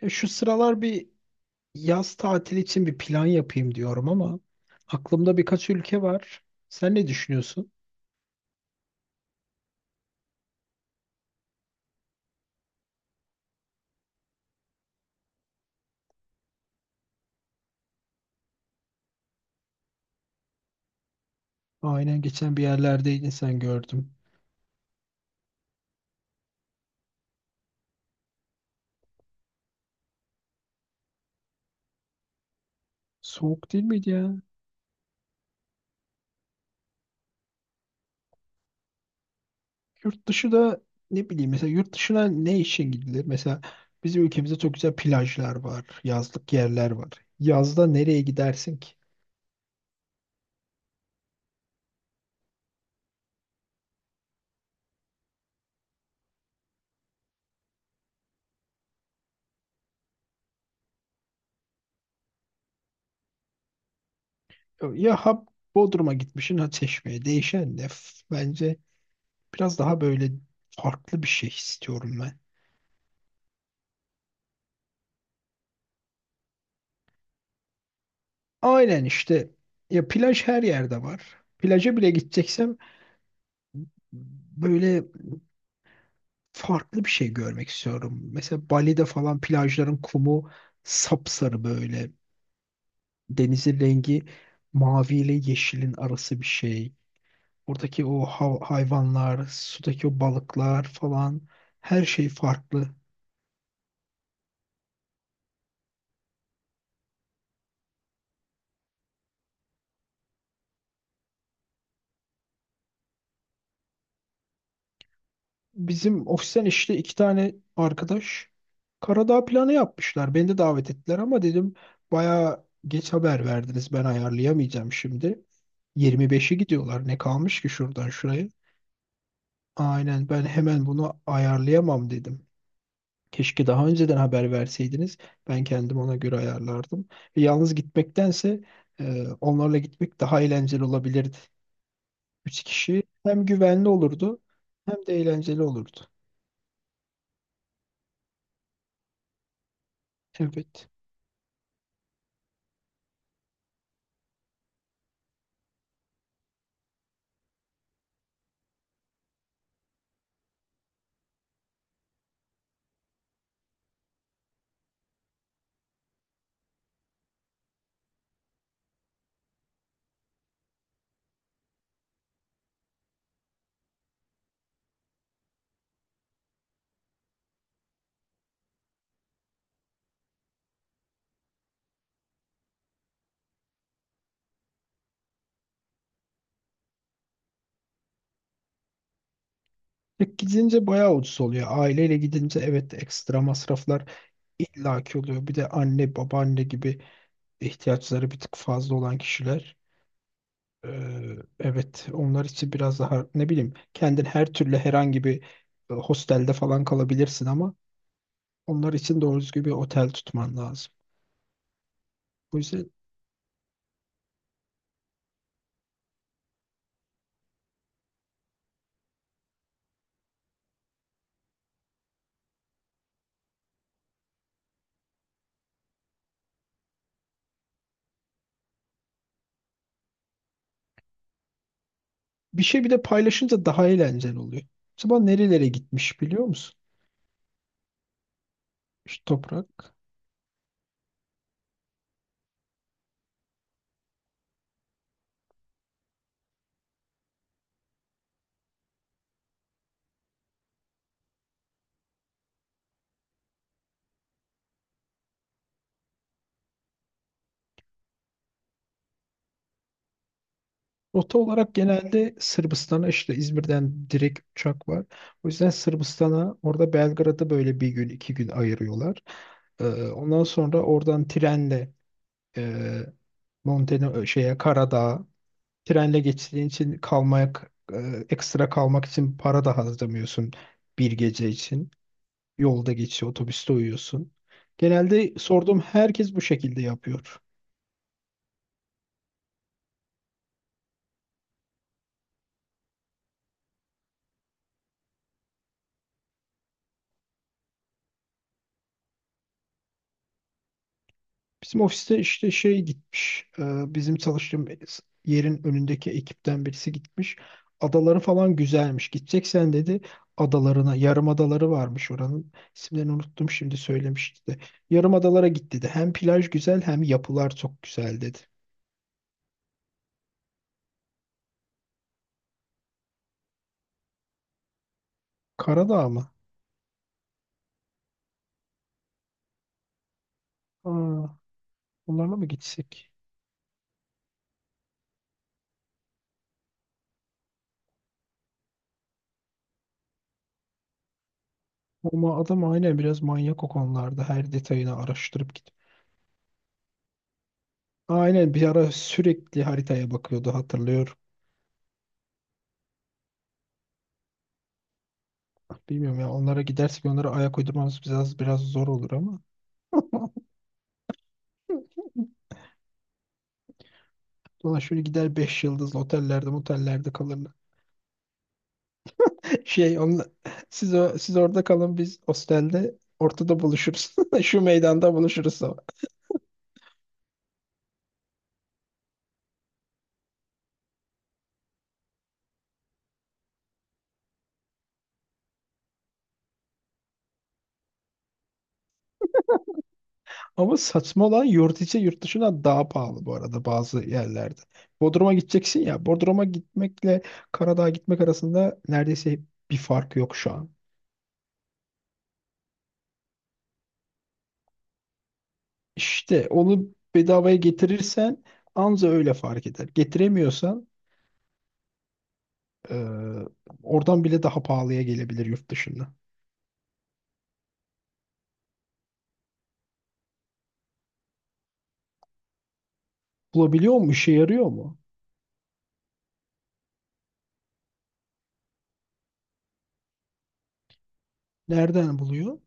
Ya şu sıralar bir yaz tatili için bir plan yapayım diyorum ama aklımda birkaç ülke var. Sen ne düşünüyorsun? Aynen, geçen bir yerlerdeydin sen, gördüm. Soğuk değil miydi ya? Yurt dışı da ne bileyim, mesela yurt dışına ne için gidilir? Mesela bizim ülkemizde çok güzel plajlar var, yazlık yerler var. Yazda nereye gidersin ki? Ya ha, Bodrum'a gitmişsin ha, Çeşme'ye değişen ne? Bence biraz daha böyle farklı bir şey istiyorum. Aynen işte, ya plaj her yerde var. Plaja bile gideceksem böyle farklı bir şey görmek istiyorum. Mesela Bali'de falan plajların kumu sapsarı böyle. Denizin rengi mavi ile yeşilin arası bir şey. Oradaki o hayvanlar, sudaki o balıklar falan, her şey farklı. Bizim ofisten işte iki tane arkadaş Karadağ planı yapmışlar. Beni de davet ettiler ama dedim bayağı geç haber verdiniz. Ben ayarlayamayacağım şimdi. 25'i gidiyorlar. Ne kalmış ki şuradan şuraya? Aynen, ben hemen bunu ayarlayamam dedim. Keşke daha önceden haber verseydiniz. Ben kendim ona göre ayarlardım. Ve yalnız gitmektense onlarla gitmek daha eğlenceli olabilirdi. Üç kişi hem güvenli olurdu hem de eğlenceli olurdu. Evet. Tek gidince bayağı ucuz oluyor. Aileyle gidince evet, ekstra masraflar illaki oluyor. Bir de anne babaanne gibi ihtiyaçları bir tık fazla olan kişiler. Evet, onlar için biraz daha ne bileyim, kendin her türlü herhangi bir hostelde falan kalabilirsin ama onlar için doğru düzgün bir otel tutman lazım. O yüzden bir şey, bir de paylaşınca daha eğlenceli oluyor. Acaba nerelere gitmiş biliyor musun? Şu Toprak. Rota olarak genelde Sırbistan'a, işte İzmir'den direkt uçak var. O yüzden Sırbistan'a, orada Belgrad'a böyle bir gün 2 gün ayırıyorlar. Ondan sonra oradan trenle e, Monteno şeye, Karadağ'a trenle geçtiğin için kalmaya e, ekstra kalmak için para da harcamıyorsun bir gece için. Yolda geçiyor, otobüste uyuyorsun. Genelde sorduğum herkes bu şekilde yapıyor. Bizim ofiste işte şey gitmiş. Bizim çalıştığım yerin önündeki ekipten birisi gitmiş. Adaları falan güzelmiş. Gidecek sen dedi adalarına. Yarım adaları varmış oranın. İsimlerini unuttum, şimdi söylemişti de. Yarım adalara git dedi. Hem plaj güzel hem yapılar çok güzel dedi. Karadağ mı? Aa, onlarla mı gitsek? Ama adam aynen biraz manyak o konularda. Her detayını araştırıp git. Aynen, bir ara sürekli haritaya bakıyordu, hatırlıyorum. Bilmiyorum ya, onlara gidersek onlara ayak uydurmamız biraz biraz zor olur ama. Ulan şöyle gider, beş yıldızlı otellerde, motellerde kalırlar. Şey, onla siz orada kalın, biz hostelde ortada buluşuruz. Şu meydanda buluşuruz sabah. Ama saçma olan, yurt içi yurt dışına daha pahalı bu arada, bazı yerlerde. Bodrum'a gideceksin ya. Bodrum'a gitmekle Karadağ'a gitmek arasında neredeyse bir fark yok şu an. İşte onu bedavaya getirirsen anca öyle fark eder. Getiremiyorsan eee, oradan bile daha pahalıya gelebilir yurt dışında. Bulabiliyor mu? İşe yarıyor mu? Nereden buluyor?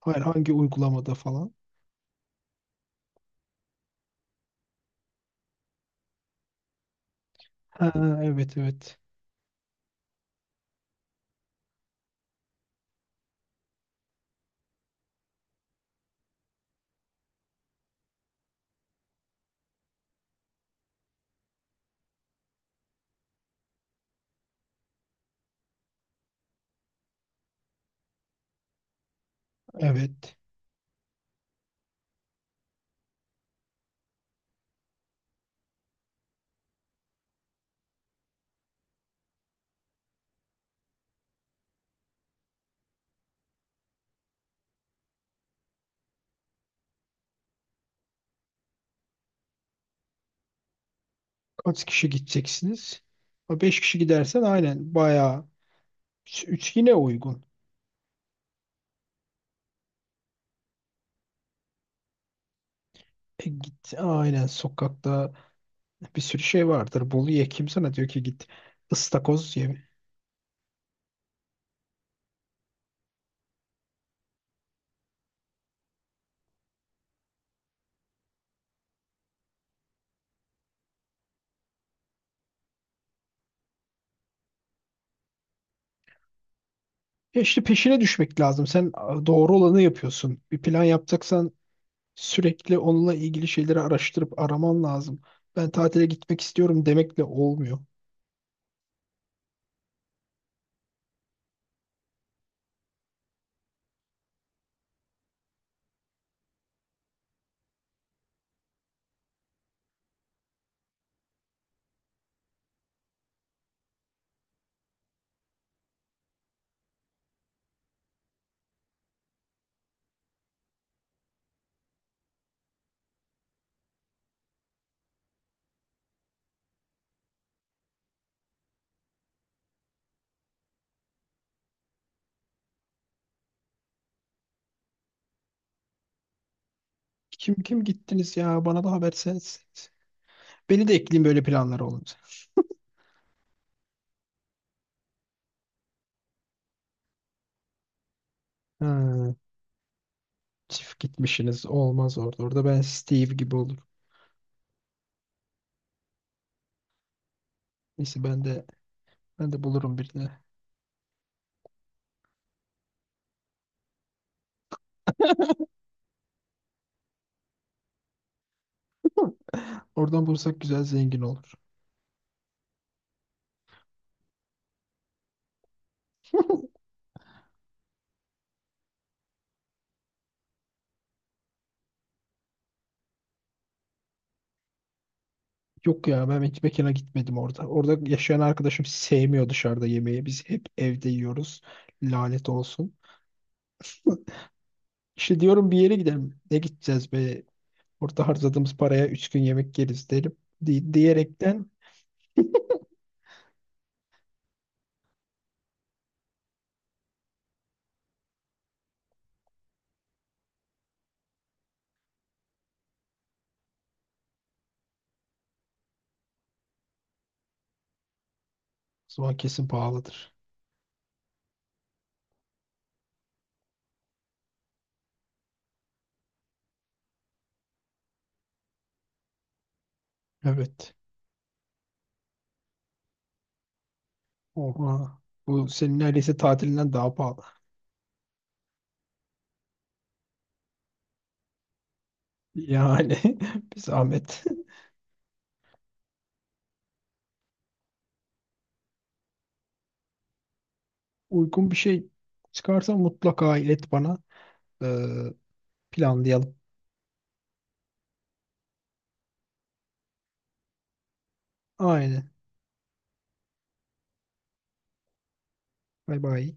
Hayır, hangi uygulamada falan? Ha, evet evet. Evet. Kaç kişi gideceksiniz? 5 kişi gidersen aynen bayağı. Üç üç yine uygun. E git, aynen sokakta bir sürü şey vardır. Bolu ye, kim sana diyor ki git ıstakoz ye. Ya işte, peşine düşmek lazım. Sen doğru olanı yapıyorsun. Bir plan yapacaksan sürekli onunla ilgili şeyleri araştırıp araman lazım. Ben tatile gitmek istiyorum demekle olmuyor. Kim kim gittiniz ya? Bana da haber sen. Beni de ekleyin böyle planlara olunca. Ha. Çift gitmişsiniz, olmaz orada. Orada ben Steve gibi olurum. Neyse, ben de bulurum birini. Oradan bulursak güzel, zengin olur. Yok ya, ben hiç mekana gitmedim orada. Orada yaşayan arkadaşım sevmiyor dışarıda yemeği. Biz hep evde yiyoruz. Lanet olsun. İşte diyorum bir yere gidelim. Ne gideceğiz be? Orada harcadığımız paraya 3 gün yemek yeriz derim. Diyerekten o zaman kesin pahalıdır. Evet. Oha. Bu senin neredeyse tatilinden daha pahalı. Yani bir zahmet. Uygun bir şey çıkarsa mutlaka ilet bana. Ee, planlayalım. Aynen. Bay bay.